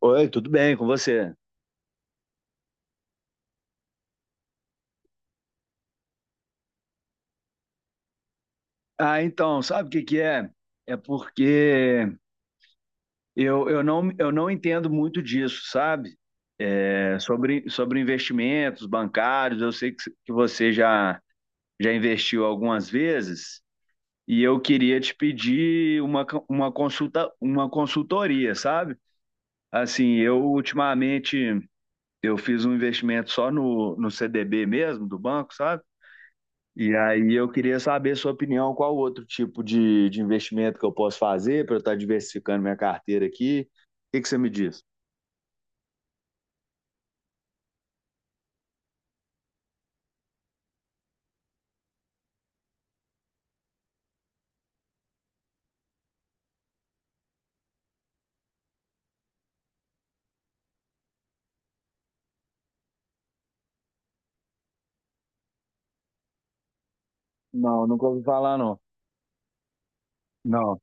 Oi, tudo bem com você? Ah, então, sabe o que que é? É porque eu não entendo muito disso, sabe? É sobre investimentos bancários, eu sei que você já investiu algumas vezes e eu queria te pedir uma consulta, uma consultoria, sabe? Assim, eu ultimamente eu fiz um investimento só no CDB mesmo, do banco, sabe? E aí eu queria saber a sua opinião, qual outro tipo de investimento que eu posso fazer para eu estar diversificando minha carteira aqui? O que que você me diz? Não, nunca ouvi falar, não. Não.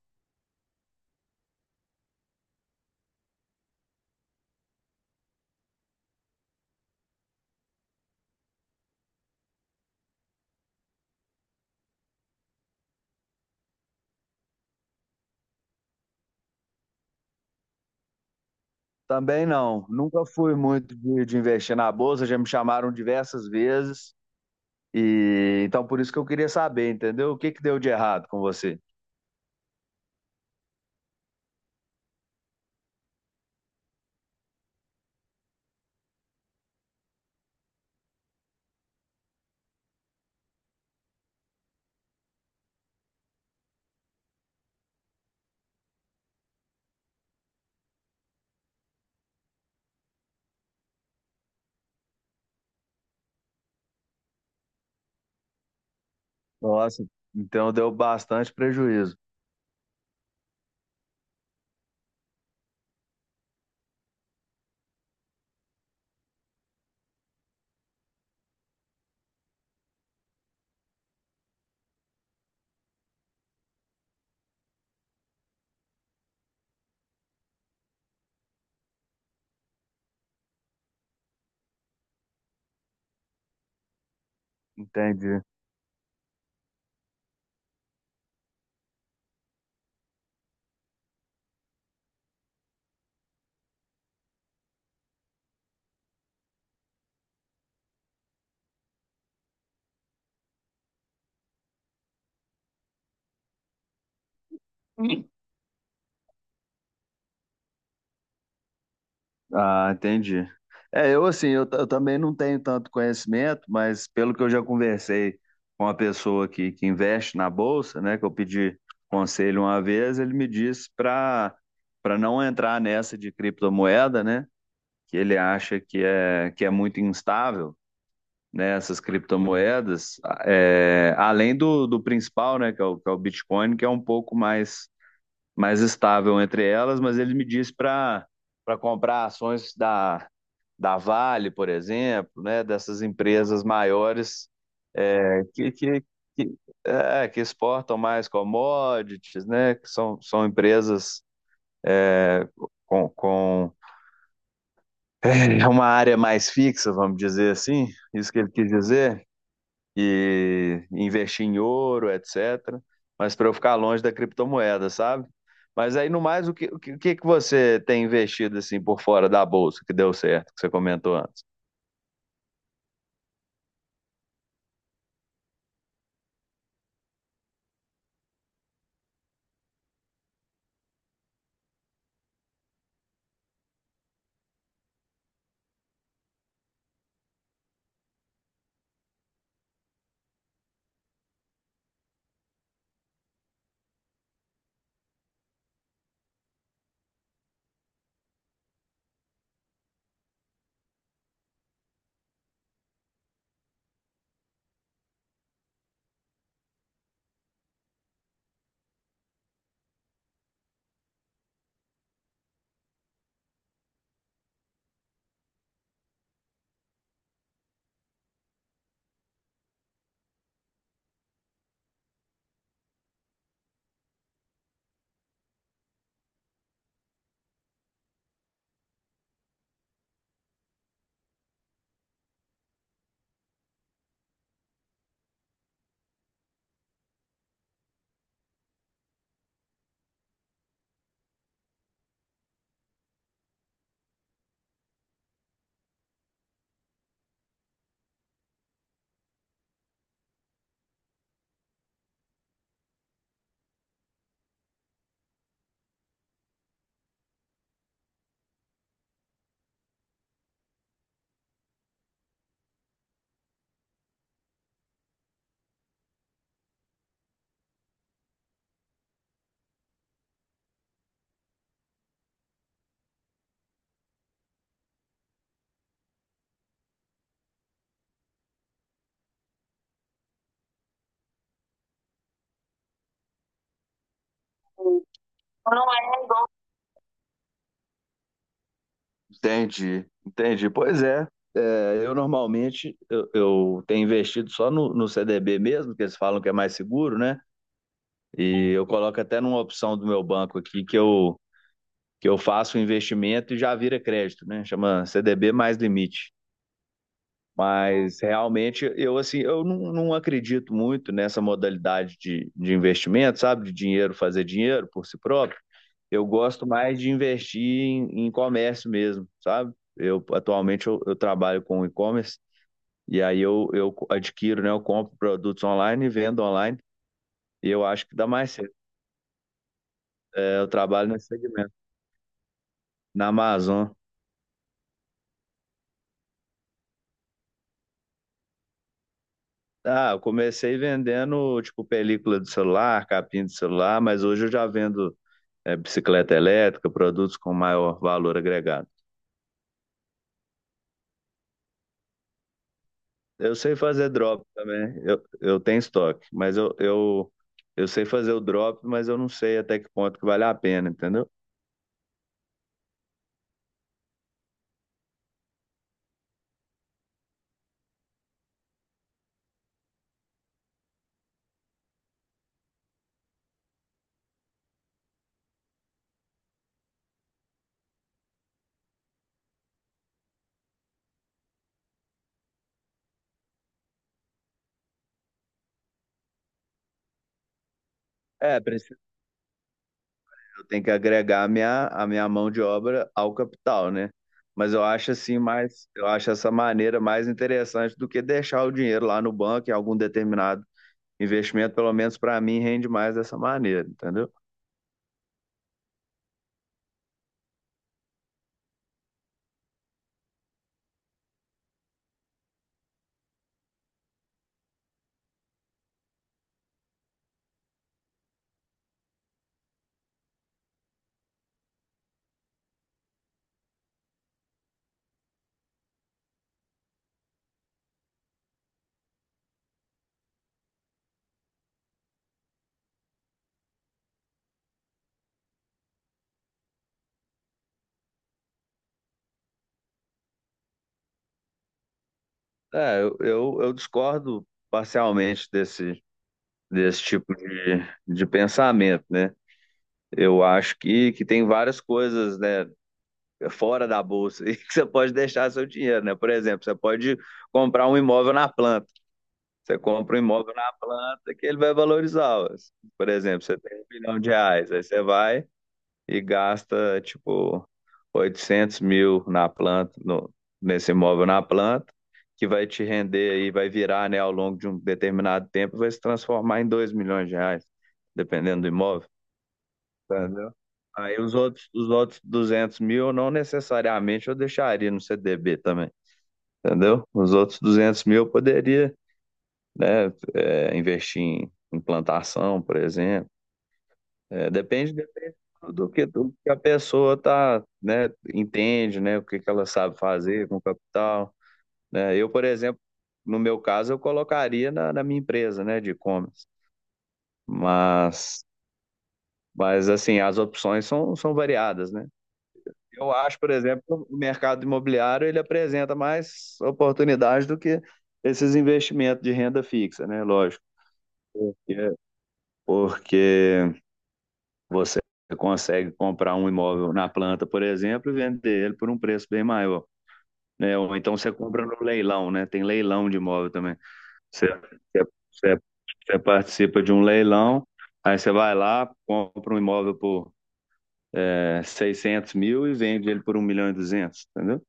Também não. Nunca fui muito de investir na bolsa, já me chamaram diversas vezes. E então por isso que eu queria saber, entendeu? O que que deu de errado com você? Nossa, então deu bastante prejuízo. Entendi. Ah, entendi. É, eu assim, eu também não tenho tanto conhecimento, mas pelo que eu já conversei com uma pessoa que investe na bolsa, né, que eu pedi conselho uma vez, ele me disse para não entrar nessa de criptomoeda, né, que ele acha que é muito instável, né, essas criptomoedas, é, além do principal, né, que é o Bitcoin, que é um pouco mais estável entre elas, mas ele me disse para comprar ações da Vale, por exemplo, né, dessas empresas maiores que, que, que, que exportam mais commodities, né, que são empresas é, com uma área mais fixa, vamos dizer assim, isso que ele quis dizer, e investir em ouro, etc., mas para eu ficar longe da criptomoeda, sabe? Mas aí, no mais, o que que você tem investido assim por fora da bolsa que deu certo, que você comentou antes? Entendi, entendi. Pois é. Eu normalmente eu tenho investido só no CDB mesmo, que eles falam que é mais seguro, né? E eu coloco até numa opção do meu banco aqui que eu faço o investimento e já vira crédito, né? Chama CDB mais limite. Mas realmente eu assim, eu não, não acredito muito nessa modalidade de investimento, sabe? De dinheiro fazer dinheiro por si próprio. Eu gosto mais de investir em comércio mesmo, sabe? Eu atualmente eu trabalho com e-commerce e aí eu adquiro, né? Eu compro produtos online e vendo online. E eu acho que dá mais certo. Eu trabalho nesse segmento, na Amazon. Ah, eu comecei vendendo, tipo, película de celular, capinha de celular, mas hoje eu já vendo, bicicleta elétrica, produtos com maior valor agregado. Eu sei fazer drop também, eu tenho estoque, mas eu sei fazer o drop, mas eu não sei até que ponto que vale a pena, entendeu? É, prin- tem que agregar a minha mão de obra ao capital, né? Mas eu acho essa maneira mais interessante do que deixar o dinheiro lá no banco em algum determinado investimento, pelo menos para mim, rende mais dessa maneira, entendeu? É, eu discordo parcialmente desse tipo de pensamento, né? Eu acho que tem várias coisas, né, fora da bolsa e que você pode deixar seu dinheiro, né? Por exemplo, você pode comprar um imóvel na planta. Você compra um imóvel na planta que ele vai valorizar. Ó. Por exemplo, você tem um milhão de reais, aí você vai e gasta, tipo, 800 mil na planta, nesse imóvel na planta, que vai te render aí, vai virar, né, ao longo de um determinado tempo, vai se transformar em 2 milhões de reais, dependendo do imóvel, entendeu? Aí os outros 200 mil, não necessariamente eu deixaria no CDB também, entendeu? Os outros 200 mil eu poderia, né? É, investir em plantação, por exemplo. É, depende do que a pessoa tá, né, entende, né, o que que ela sabe fazer com o capital, né? Eu, por exemplo, no meu caso, eu colocaria na minha empresa, né, de e-commerce. Mas, mas assim, as opções são variadas, né? Eu acho, por exemplo, que o mercado imobiliário ele apresenta mais oportunidades do que esses investimentos de renda fixa, né? Lógico, porque, porque você consegue comprar um imóvel na planta, por exemplo, e vender ele por um preço bem maior. Né? Ou então você compra no leilão, né? Tem leilão de imóvel também. Você, você, você- você participa de um leilão, aí você vai lá, compra um imóvel por 600 mil e vende ele por um milhão e duzentos, entendeu?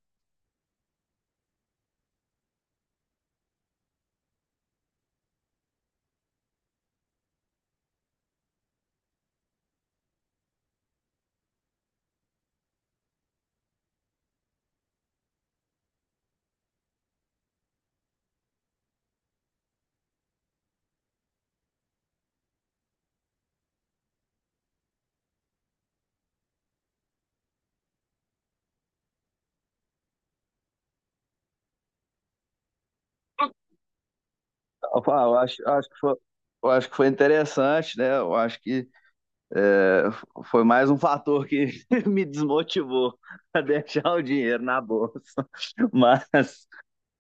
Eu falo, eu acho que foi, interessante, né? Eu acho que é, foi mais um fator que me desmotivou a deixar o dinheiro na bolsa. Mas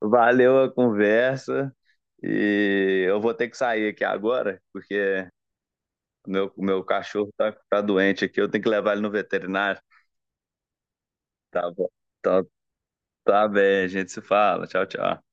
valeu a conversa. E eu vou ter que sair aqui agora, porque meu cachorro tá doente aqui. Eu tenho que levar ele no veterinário. Tá bom. Então, tá bem, a gente se fala. Tchau, tchau.